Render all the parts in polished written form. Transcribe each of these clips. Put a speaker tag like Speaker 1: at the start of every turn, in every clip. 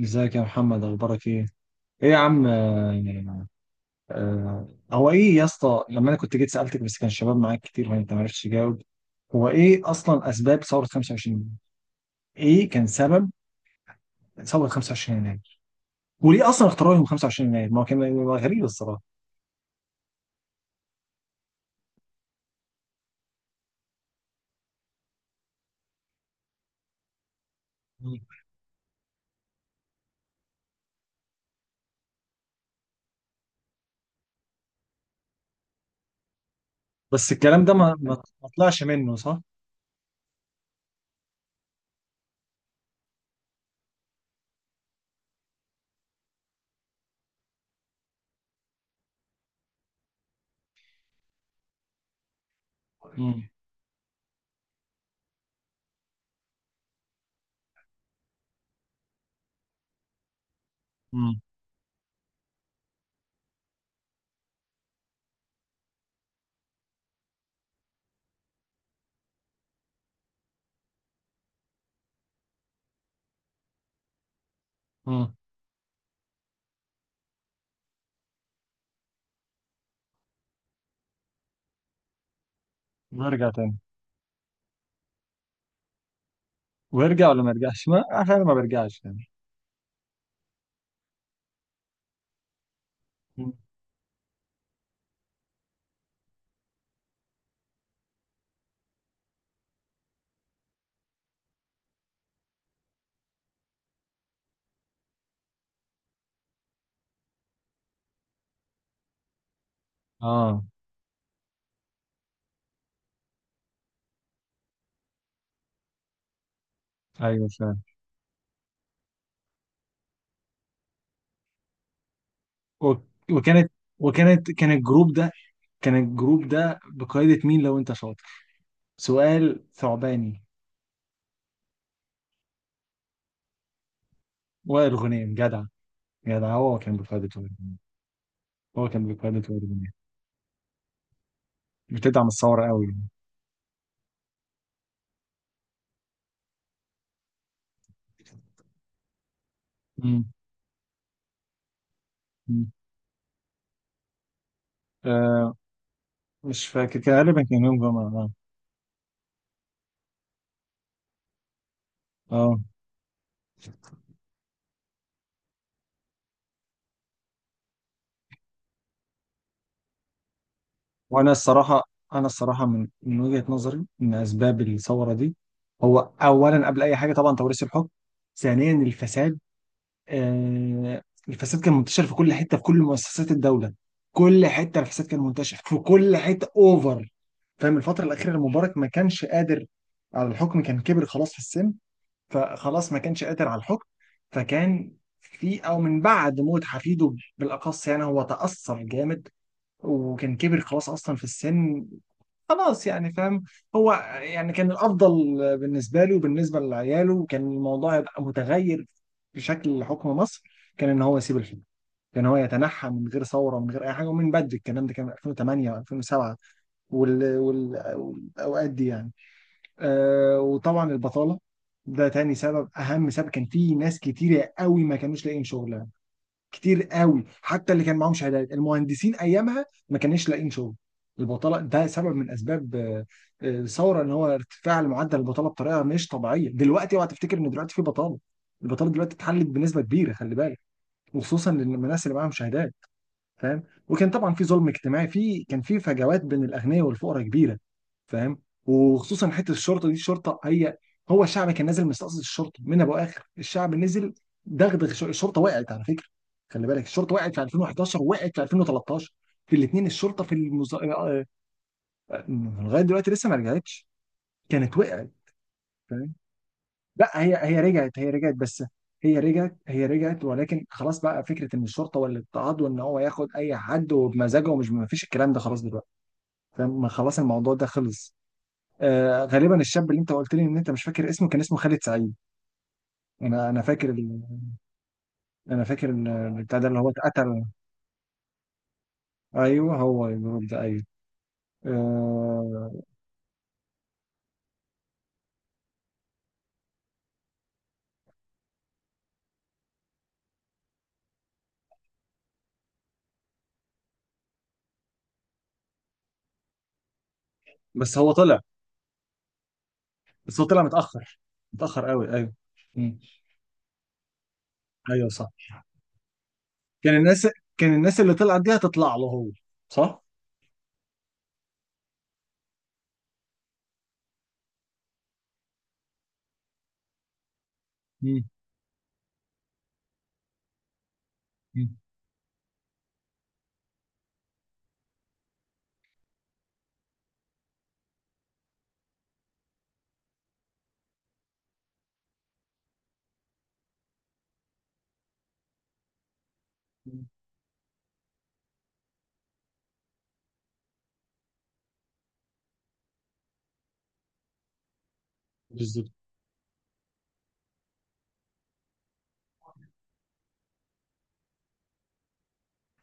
Speaker 1: ازيك يا محمد، اخبارك ايه؟ ايه يا عم. هو ايه يا اسطى، لما انا كنت جيت سالتك بس كان الشباب معاك كتير وانت ما عرفتش تجاوب. هو ايه اصلا اسباب ثوره 25؟ ايه كان سبب ثوره 25 يناير؟ وليه اصلا اختاروا يوم 25 يناير؟ ما هو كان هو غريب الصراحه. مم. بس الكلام ده ما طلعش منه، صح؟ امم. امم. امم. ويرجع تاني ويرجع ولا ما يرجعش؟ ما احيانا ما بيرجعش يعني. مم. اه، ايوه، فعلا. و- وكانت وكانت كان الجروب ده كان الجروب ده بقيادة مين، لو انت شاطر؟ سؤال ثعباني. وائل غنيم، جدع. جدع، هو كان بقيادة وائل غنيم. هو كان بقيادة وائل غنيم. بتدعم الثورة قوي يعني. مم. مم. آه، مش فاكر، كان غالبا كان يوم جمعة. اه. اه. وانا الصراحة انا الصراحة من وجهة نظري ان اسباب الثورة دي، هو اولا قبل اي حاجة طبعا توريث الحكم. ثانيا، الفساد. آه، الفساد كان منتشر في كل حته، في كل مؤسسات الدوله. كل حته. الفساد كان منتشر في كل حته، اوفر. فاهم؟ الفتره الاخيره المبارك ما كانش قادر على الحكم، كان كبر خلاص في السن. فخلاص ما كانش قادر على الحكم. فكان في، او من بعد موت حفيده بالاخص يعني، هو تاثر جامد. وكان كبر خلاص اصلا في السن. خلاص يعني، فاهم؟ هو يعني كان الافضل بالنسبه له وبالنسبه لعياله، كان الموضوع يبقى متغير بشكل حكم مصر. كان ان هو يسيب الحكم، كان هو يتنحى من غير ثوره ومن غير اي حاجه، ومن بدري. الكلام ده كان في 2008 و2007. والاوقات دي يعني. وطبعا البطاله، ده تاني سبب، اهم سبب. كان في ناس كتيره قوي ما كانوش لاقيين شغل، كتير قوي، حتى اللي كان معاهم شهادات، المهندسين ايامها ما كانش لاقيين شغل. البطاله ده سبب من اسباب الثوره. ان هو ارتفاع معدل البطاله بطريقه مش طبيعيه. دلوقتي اوعى تفتكر ان دلوقتي في بطاله. البطاله دلوقتي اتحلت بنسبه كبيره، خلي بالك، وخصوصا للناس اللي معاهم شهادات. فاهم؟ وكان طبعا في ظلم اجتماعي، كان في فجوات بين الاغنياء والفقراء كبيره. فاهم؟ وخصوصا حته الشرطه دي. الشرطه هي هو الشعب كان نازل مستقصد الشرطه، من ابو اخر الشعب نزل. دغدغ الشرطه. وقعت على فكره، خلي بالك، الشرطه وقعت في 2011، وقعت في 2013. في الاثنين الشرطه في المز... آه، آه، لغايه دلوقتي لسه ما رجعتش. كانت وقعت. لا، هي رجعت، هي رجعت بس. هي رجعت، هي رجعت ولكن خلاص بقى فكره ان الشرطه والاضطهاد وان هو ياخد اي حد وبمزاجه، ما فيش الكلام ده خلاص دلوقتي. فاهم؟ خلاص الموضوع ده خلص. آه، غالبا الشاب اللي انت قلت لي ان انت مش فاكر اسمه، كان اسمه خالد سعيد. انا انا فاكر ال... انا فاكر البتاع ده اللي هو اتقتل. ايوه، هو الجروب ده، ايوه. آه. بس هو طلع بس هو طلع متاخر، متاخر قوي، ايوه. مم. ايوه، صح. كان الناس كان الناس اللي طلعت دي هتطلع له هو، صح؟ مم. مم. بالظبط.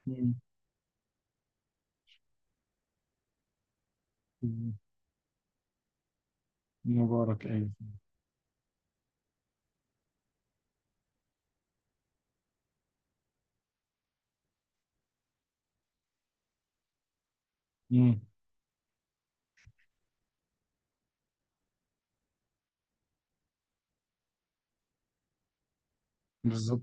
Speaker 1: مم. مم. مبارك، أيوة. مم. بالظبط.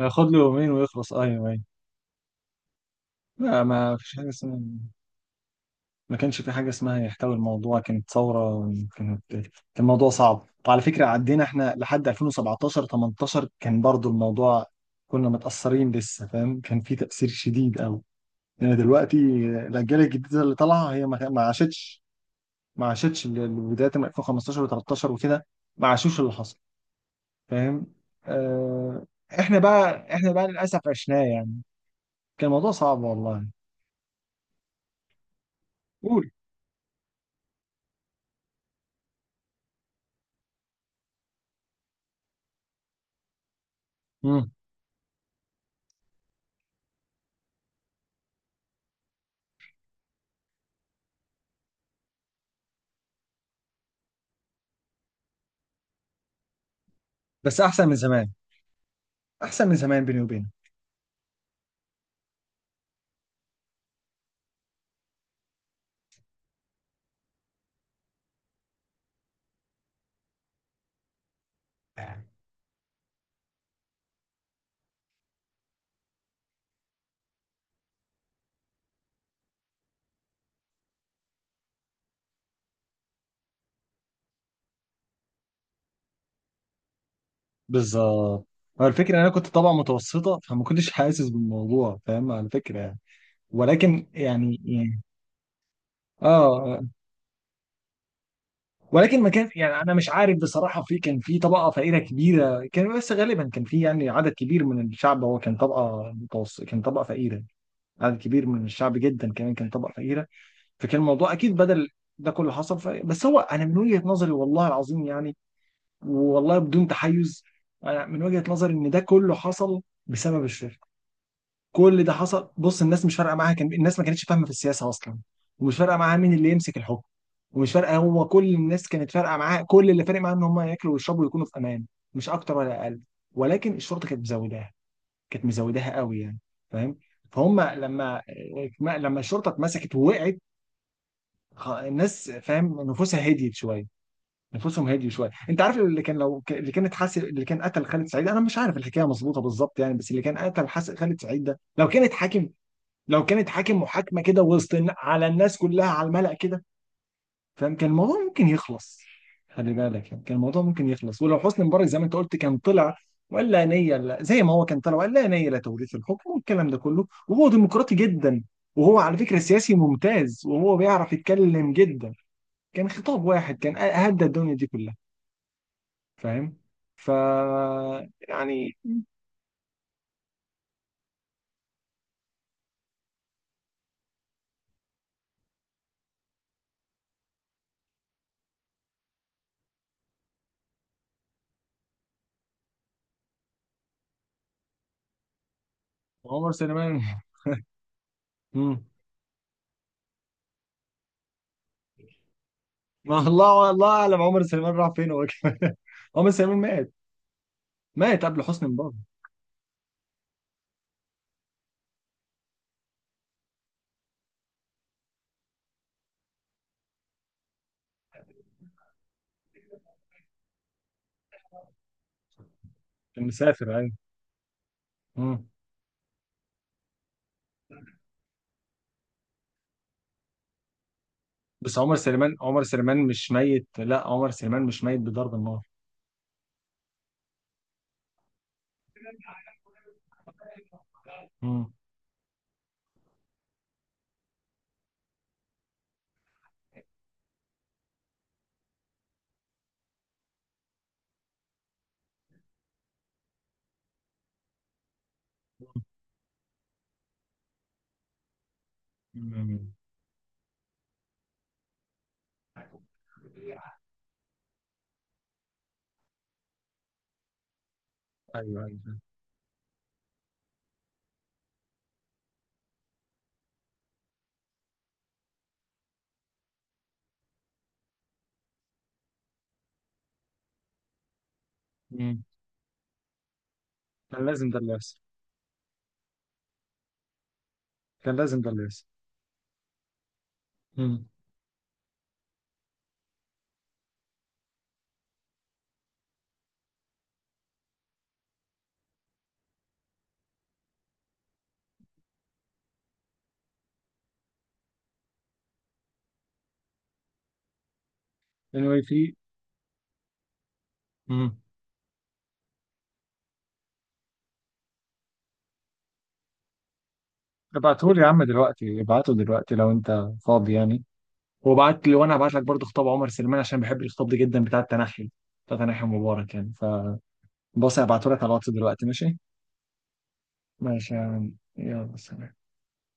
Speaker 1: هياخد له يومين ويخلص. أيوة، أيوة. لا، ما فيش حاجة اسمها. ما كانش في حاجة اسمها يحتوي الموضوع، كانت ثورة. كان الموضوع صعب. وعلى فكرة عدينا احنا لحد 2017 18، كان برضو الموضوع، كنا متأثرين لسه. فاهم؟ كان في تأثير شديد أوي. يعني دلوقتي الأجيال الجديدة اللي طالعة هي ما عاشتش. بداية من 2015 و13 وكده، ما عاشوش اللي حصل. فاهم؟ آه. احنا بقى للاسف عشناه يعني. كان الموضوع صعب والله. قول. مم. بس احسن من زمان، احسن من زمان، بيني وبينك. بالظبط. هو الفكرة إن أنا كنت طبعا متوسطة، فما كنتش حاسس بالموضوع، فاهم، على فكرة يعني. ولكن يعني. آه. آه. ولكن ما كان يعني، أنا مش عارف بصراحة، كان في طبقة فقيرة كبيرة كان، بس غالبا كان في يعني عدد كبير من الشعب هو كان طبقة متوسط، كان طبقة فقيرة. عدد كبير من الشعب جدا كمان كان طبقة فقيرة. فكان الموضوع اكيد بدل ده كله حصل. بس هو انا من وجهة نظري، والله العظيم يعني، والله بدون تحيز، انا من وجهة نظري ان ده كله حصل بسبب الشركه. كل ده حصل. بص، الناس مش فارقه معاها، كان الناس ما كانتش فاهمه في السياسه اصلا، ومش فارقه معاها مين اللي يمسك الحكم. ومش فارقه، هو كل الناس كانت فارقه معاها، كل اللي فارق معاها ان هم ياكلوا ويشربوا ويكونوا في امان، مش اكتر ولا اقل. ولكن الشرطه كانت مزوداها، كانت مزوداها قوي يعني. فاهم؟ فهم. لما الشرطه اتمسكت ووقعت، الناس، فاهم، نفوسها هديت شويه. نفوسهم هديت شويه. انت عارف اللي كان، اللي كانت حاسب اللي كان قتل خالد سعيد، انا مش عارف الحكايه مظبوطه بالظبط يعني، بس اللي كان قتل حاسب خالد سعيد ده، لو كانت حاكم، لو كانت حاكم محاكمه كده وسط على الناس كلها على الملأ كده، فاهم، كان الموضوع ممكن يخلص. خلي بالك يعني كان الموضوع ممكن يخلص. ولو حسني مبارك زي ما انت قلت كان طلع وقال لا نيه، لا، زي ما هو كان طلع وقال لا نيه لتوريث الحكم والكلام ده كله، وهو ديمقراطي جدا وهو على فكره سياسي ممتاز وهو بيعرف يتكلم جدا، كان خطاب واحد كان هدى الدنيا دي كلها. فاهم؟ ف يعني عمر سليمان. مم. ما الله، الله اعلم عمر سليمان راح فين هو كمان. عمر سليمان مات. مات قبل حسني مبارك. كان مسافر يعني. مم. بس عمر سليمان، عمر سليمان مش ميت، لا، عمر سليمان مش ميت بضرب النار. مم. مم. ايوه، ايوه. مم. كان لازم ده اللي يحصل. كان لازم ده اللي يحصل. Anyway. في. مم. ابعتهولي يا عم دلوقتي، ابعته دلوقتي لو انت فاضي يعني. وبعت لي، وانا هبعت لك برضه خطاب عمر سليمان عشان بحب الخطاب ده جدا، بتاع التنحي، بتاع تنحي مبارك يعني. فبص، هبعته لك على الواتس دلوقتي، ماشي؟ ماشي يا عم. يلا، سلام.